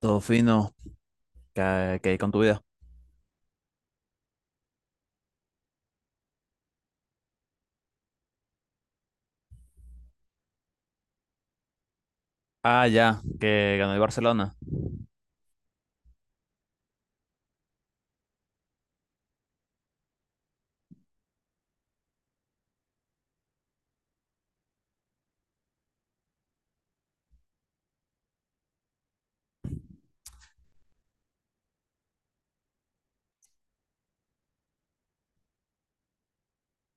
Todo fino, que hay con tu vida. Ah, ya, que ganó el Barcelona.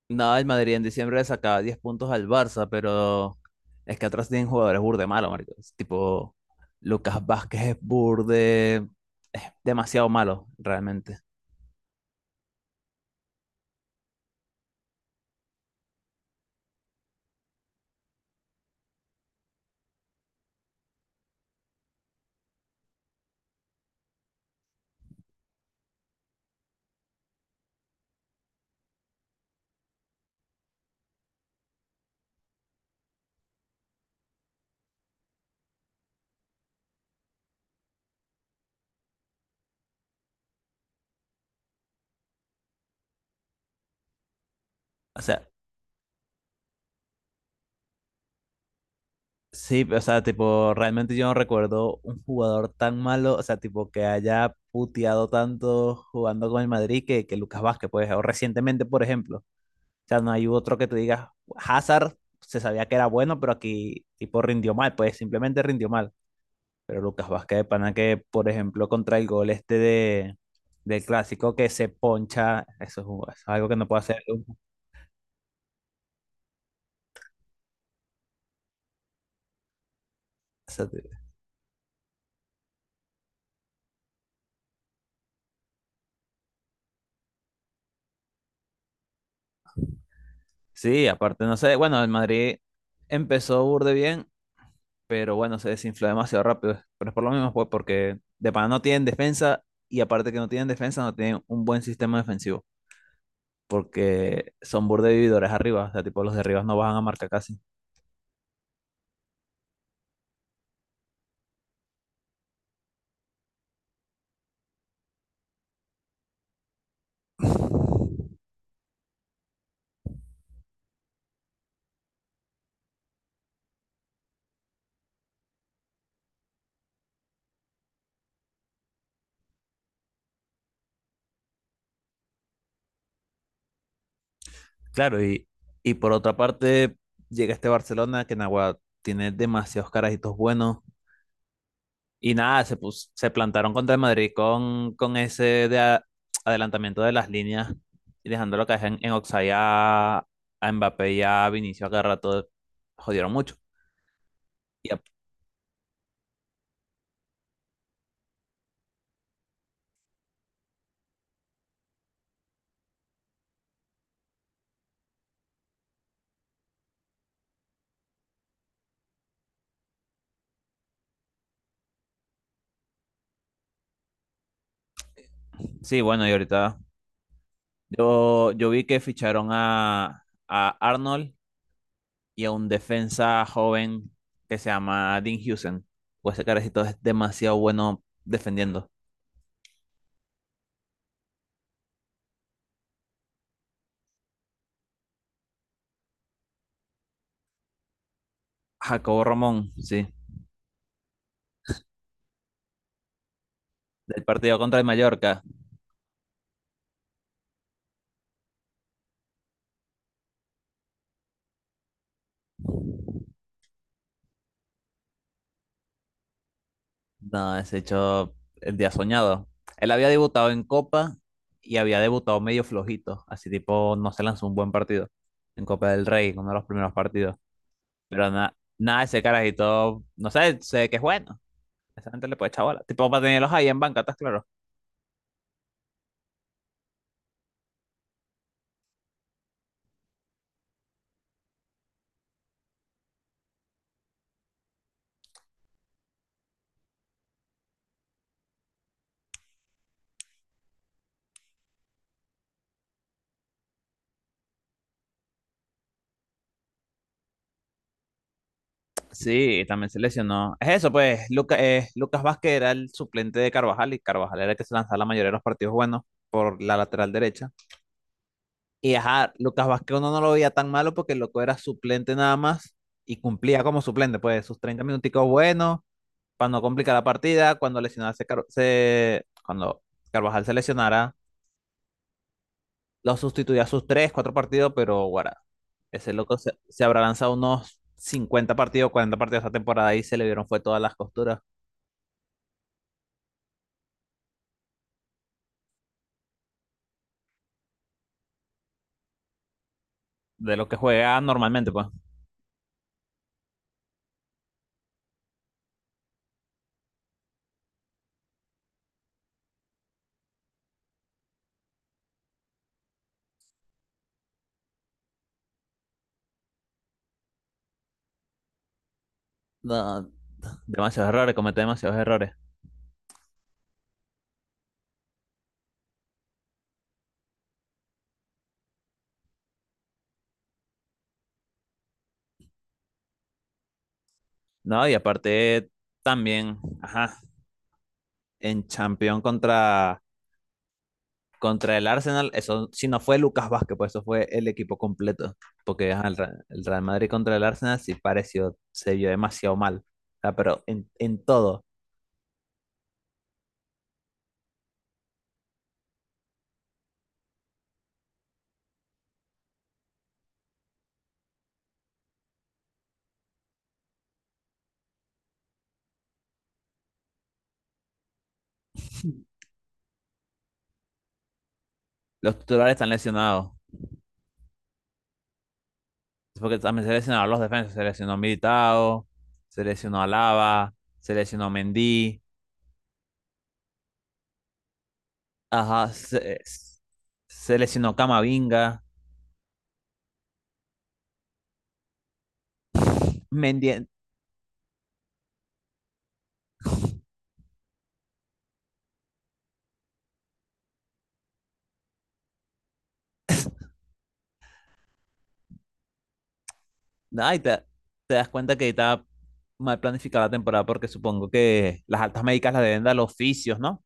No, el Madrid en diciembre le sacaba 10 puntos al Barça, pero es que atrás tienen jugadores burde malo, marico. Es tipo, Lucas Vázquez es burde, es demasiado malo, realmente. O sea, sí, o sea, tipo, realmente yo no recuerdo un jugador tan malo, o sea, tipo, que haya puteado tanto jugando con el Madrid que Lucas Vázquez, pues, o recientemente, por ejemplo. O sea, no hay otro que tú digas, Hazard se sabía que era bueno, pero aquí tipo rindió mal, pues simplemente rindió mal. Pero Lucas Vázquez de Pana que, por ejemplo, contra el gol este del clásico que se poncha, eso es, es algo que no puede hacer. Te- Sí, aparte, no sé, bueno, el Madrid empezó burde bien, pero bueno, se desinfló demasiado rápido. Pero es por lo mismo, pues, porque de Pana no tienen defensa y aparte que no tienen defensa, no tienen un buen sistema defensivo. Porque son burde vividores arriba, o sea, tipo los de arriba no bajan a marca casi. Claro, y por otra parte llega este Barcelona que Nagua tiene demasiados carajitos buenos y nada, se plantaron contra el Madrid con ese de adelantamiento de las líneas y dejándolo caer en Oxai a Mbappé y a Vinicius a cada rato, jodieron mucho. Y a- sí, bueno, y ahorita yo vi que ficharon a Arnold y a un defensa joven que se llama Dean Houston. Pues ese carecito es demasiado bueno defendiendo. Jacobo Romón, sí, del partido contra el Mallorca. No, ese hecho el día soñado. Él había debutado en Copa y había debutado medio flojito, así tipo no se lanzó un buen partido en Copa del Rey, uno de los primeros partidos. Pero nada, nada, ese carajito, no sé, sé que es bueno. Esa gente le puede echar bola. Tipo para tenerlos ahí en banca, estás claro. Sí, también se lesionó. Es eso, pues, Lucas Vázquez era el suplente de Carvajal y Carvajal era el que se lanzaba la mayoría de los partidos buenos por la lateral derecha. Y ajá, Lucas Vázquez uno no lo veía tan malo porque el loco era suplente nada más y cumplía como suplente, pues, sus 30 minuticos buenos para no complicar la partida. Cuando lesionaba se, Car- se- cuando Carvajal se lesionara, lo sustituía a sus 3 4 partidos, pero guarda, ese loco se habrá lanzado unos 50 partidos, 40 partidos esta temporada y se le vieron fue todas las costuras. De lo que juega normalmente, pues. No, demasiados errores, comete demasiados errores. No, y aparte también, ajá, en Champions contra el Arsenal, eso si no fue Lucas Vázquez, pues eso fue el equipo completo. Porque ajá, el Real Madrid contra el Arsenal sí pareció, se vio demasiado mal. O sea, pero en todo, los titulares están lesionados. Porque también se lesionaron los defensas, se lesionó Militao, se lesionó Alaba, se lesionó Mendy. Ajá, se lesionó Camavinga. Mendy. Ay, te das cuenta que estaba mal planificada la temporada porque supongo que las altas médicas las deben dar los fisios, ¿no?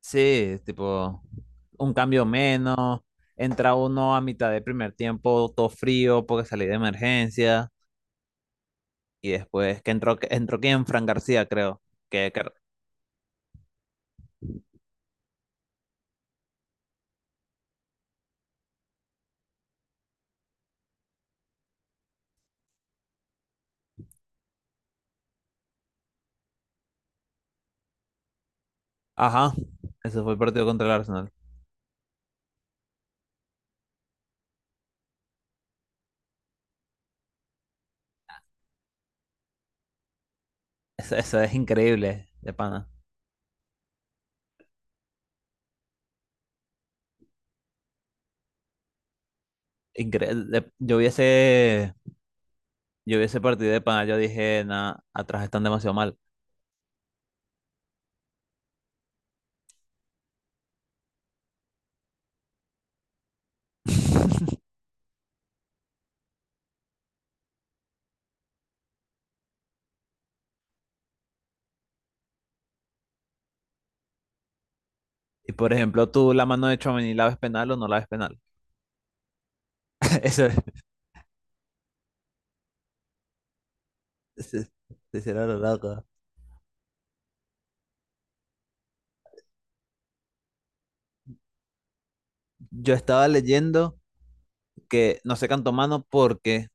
Sí, tipo, un cambio menos. Entra uno a mitad del primer tiempo, todo frío porque salí de emergencia. Y después que entró, entró quién, Fran García, creo. Que, que- Ajá, ese fue el partido contra el Arsenal. Eso es increíble, de pana. Incre- de- Yo vi ese, Yo vi ese partido de pana, yo dije, nah, atrás están demasiado mal. Y por ejemplo, tú la mano de Tchouaméni, ¿la ves penal o no la ves penal? Eso es. eso es. La loca. Yo estaba leyendo que no se cantó mano porque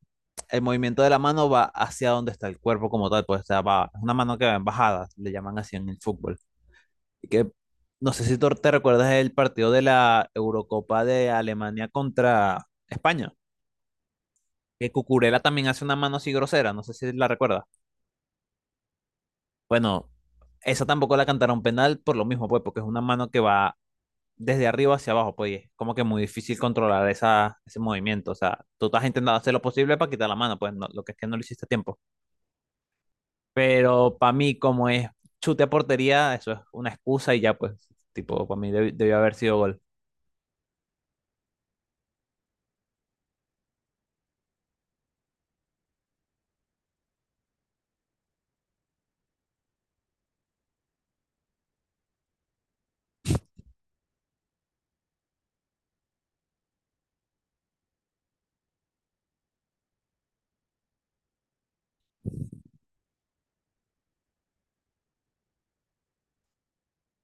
el movimiento de la mano va hacia donde está el cuerpo como tal, pues o sea, va, es una mano que va en bajada, le llaman así en el fútbol. Y que no sé si tú te recuerdas el partido de la Eurocopa de Alemania contra España, que Cucurella también hace una mano así grosera, no sé si la recuerdas. Bueno, esa tampoco la cantaron penal por lo mismo, pues, porque es una mano que va desde arriba hacia abajo, pues, y es como que muy difícil controlar esa, ese movimiento. O sea, tú estás intentando hacer lo posible para quitar la mano, pues, lo que es que no lo hiciste a tiempo. Pero para mí, como es chute a portería, eso es una excusa y ya, pues, tipo, para mí debió haber sido gol.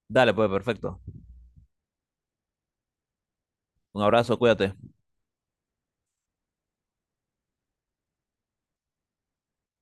Dale, pues, perfecto. Un abrazo, cuídate.